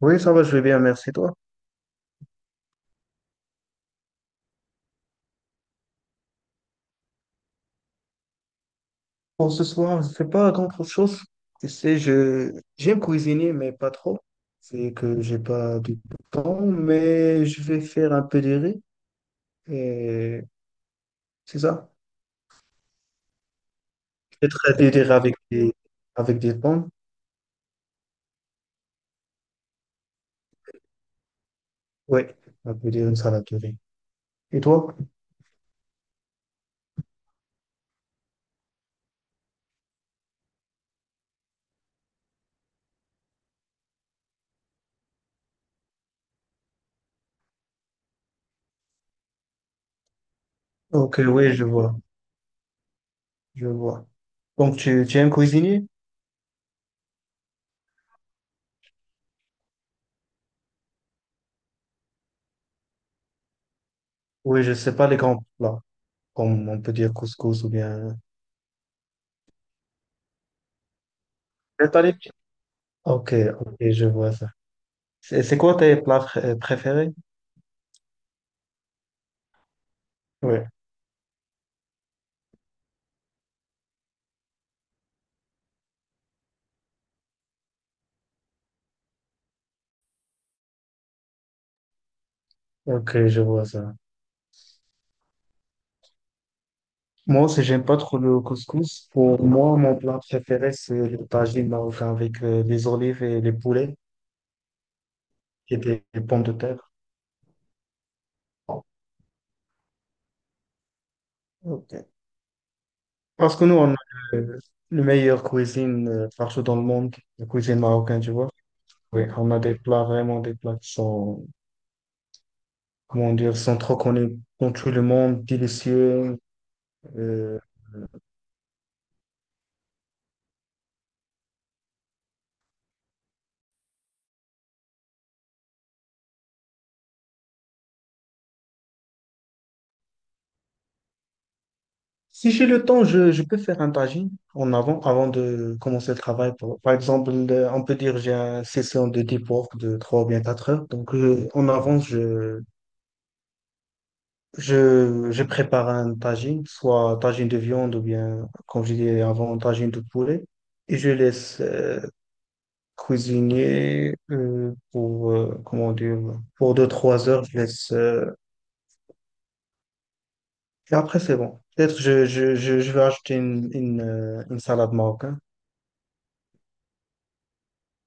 Oui, ça va, je vais bien, merci toi. Pour ce soir, je ne fais pas grand-chose. Tu sais, je j'aime cuisiner, mais pas trop. C'est que j'ai pas du temps, mais je vais faire un peu de riz. Et c'est ça. Je vais traiter des riz avec des pommes. Oui, un peu de une salade de riz. Et toi? Ok, oui, je vois, je vois. Donc, tu aimes cuisiner? Oui, je sais pas les grands plats, comme on peut dire couscous ou bien... Mais t'as les petits. Ok, ok, je vois ça. C'est quoi tes plats préférés? Ouais, ok, je vois ça. Moi aussi, j'aime pas trop le couscous. Pour moi, mon plat préféré, c'est le tagine marocain avec les olives et les poulets et des pommes de terre. Ok. Parce que nous, on a la meilleure cuisine partout dans le monde, la cuisine marocaine, tu vois. Oui, on a des plats, vraiment des plats qui sont, comment dire, sont trop connus dans tout le monde, délicieux. euh, Si j'ai le temps, je peux faire un tagine en avant, avant de commencer le travail. Par exemple, on peut dire j'ai une session de deep work de 3 ou bien 4 heures. Donc, en avance, je prépare un tagine, soit tagine de viande ou bien, comme je disais avant, tagine de poulet. Et je laisse cuisiner pour, comment dire, pour deux trois heures. Je laisse, et après, c'est bon. Peut-être je vais acheter une salade marocaine.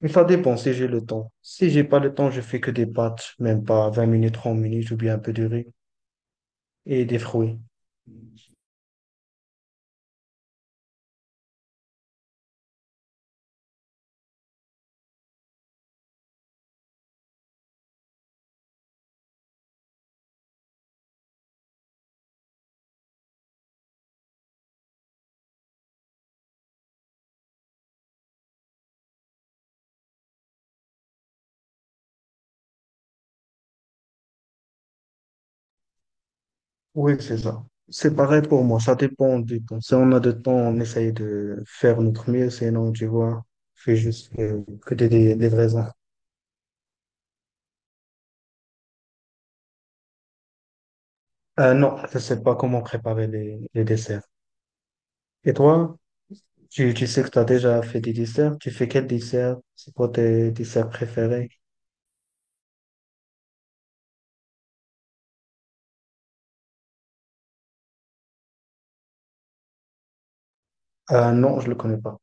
Mais ça dépend si j'ai le temps. Si j'ai pas le temps, je fais que des pâtes, même pas 20 minutes, 30 minutes, ou bien un peu de riz et des fruits. Oui, c'est ça. C'est pareil pour moi, ça dépend du temps. Si on a de temps, on essaye de faire notre mieux, sinon, tu vois, je fais juste que des raisins. Non, je sais pas comment préparer les desserts. Et toi, tu sais que tu as déjà fait des desserts, tu fais quel dessert? C'est quoi tes desserts préférés? Non, je le connais pas.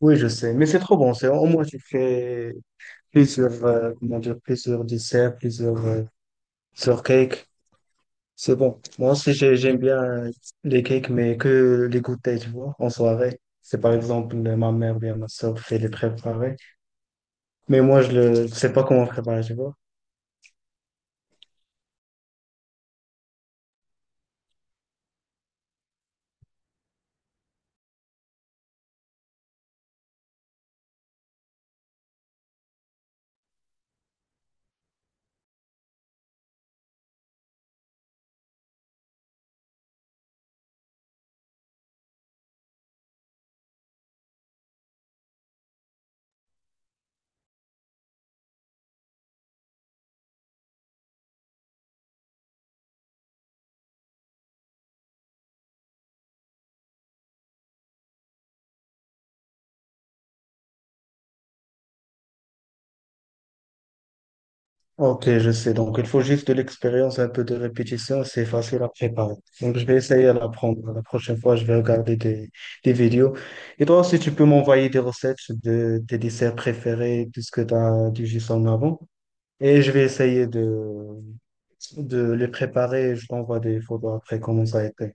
Oui, je sais, mais c'est trop bon. C'est au moins tu fais plusieurs, comment dire, plusieurs desserts, plusieurs cakes. C'est bon. Moi aussi, j'aime bien les cakes, mais que les goûter, tu vois, en soirée. C'est par exemple ma mère ou bien ma soeur fait les préparer. Mais moi, je ne sais pas comment préparer, tu vois. Ok, je sais. Donc, il faut juste de l'expérience, un peu de répétition. C'est facile à préparer. Donc, je vais essayer à l'apprendre. La prochaine fois, je vais regarder des vidéos. Et toi aussi, tu peux m'envoyer des recettes de tes desserts préférés, puisque tu as du jus en avant. Et je vais essayer de les préparer. Je t'envoie des photos après comment ça a été.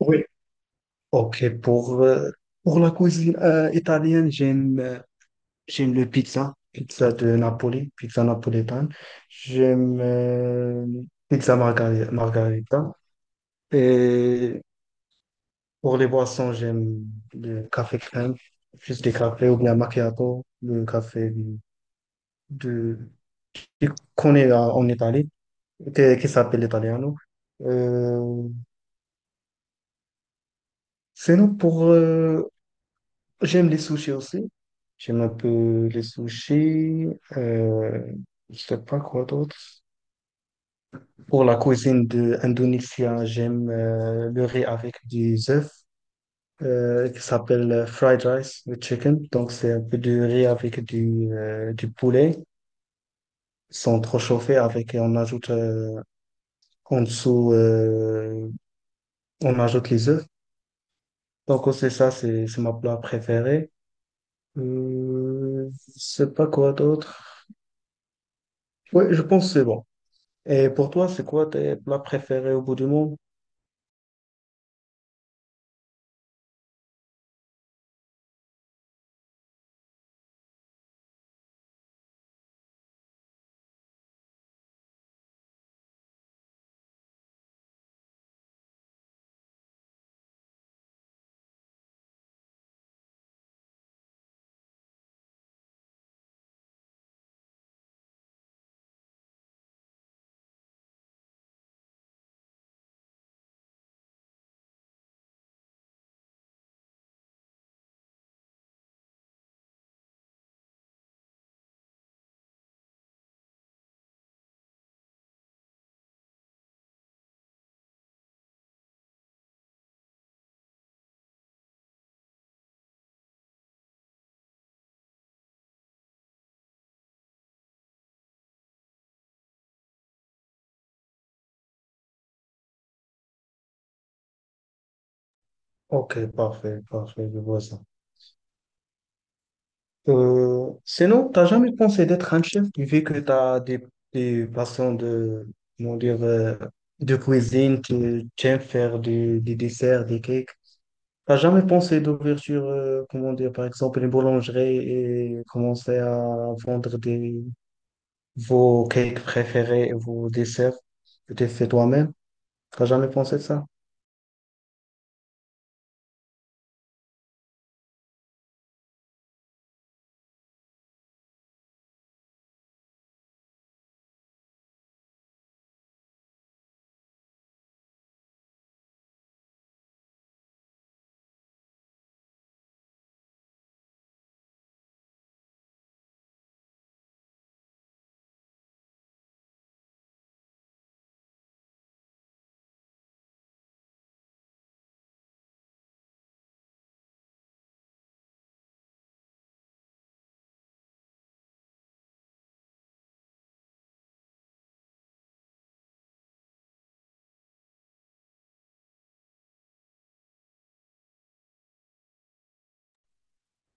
Oui. Ok, pour la cuisine italienne, j'aime le pizza, pizza de Napoli, pizza napolitaine. J'aime pizza margarita. Et pour les boissons, j'aime le café crème, juste des cafés ou bien macchiato, le café de, qu'on est en Italie. Qui s'appelle l'italiano. Euh, Sinon, j'aime les sushis aussi. J'aime un peu les sushis. Euh, je sais pas quoi d'autre. Pour la cuisine de indonésienne, j'aime le riz avec des œufs qui s'appelle fried rice with chicken. Donc, c'est un peu de riz avec du poulet. Ils sont trop chauffés avec, et on ajoute en dessous, on ajoute les œufs. Donc, c'est ça, c'est ma plat préférée. Euh, je sais pas quoi d'autre. Oui, je pense que c'est bon. Et pour toi, c'est quoi tes plats préférés au bout du monde? Ok, parfait, parfait, je vois ça. Sinon, t'as jamais pensé d'être un chef, vu que t'as des passions de, comment dire, de cuisine, tu aimes faire des desserts, des cakes. T'as jamais pensé d'ouvrir sur, comment dire, par exemple, une boulangerie et commencer à vendre des, vos cakes préférés, vos desserts que tu fais toi-même? T'as jamais pensé de ça?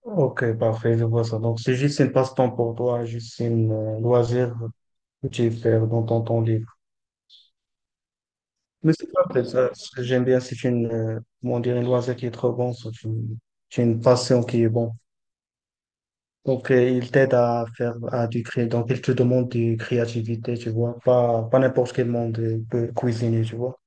Ok, parfait, je vois ça. Donc, c'est juste une passe-temps pour toi, juste une loisir que tu fais dans ton temps libre. Mais c'est parfait, ça. J'aime bien. C'est une, comment dire, une loisir qui est trop bon, c'est une passion qui est bonne. Donc, il t'aide à faire donc, il te demande de créativité, tu vois. Pas n'importe quel monde peut cuisiner, tu vois.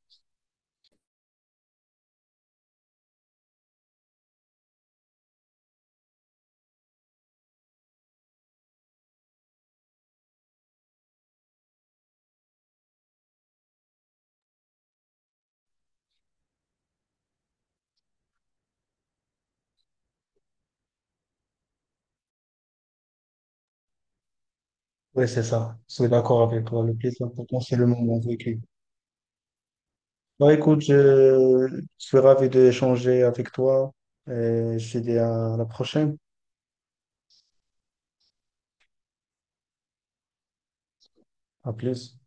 Oui, c'est ça. Je suis d'accord avec toi. Le plus important, c'est le moment vécu. Bah, écoute, je suis ravi d'échanger avec toi. Et je te dis à la prochaine. À plus.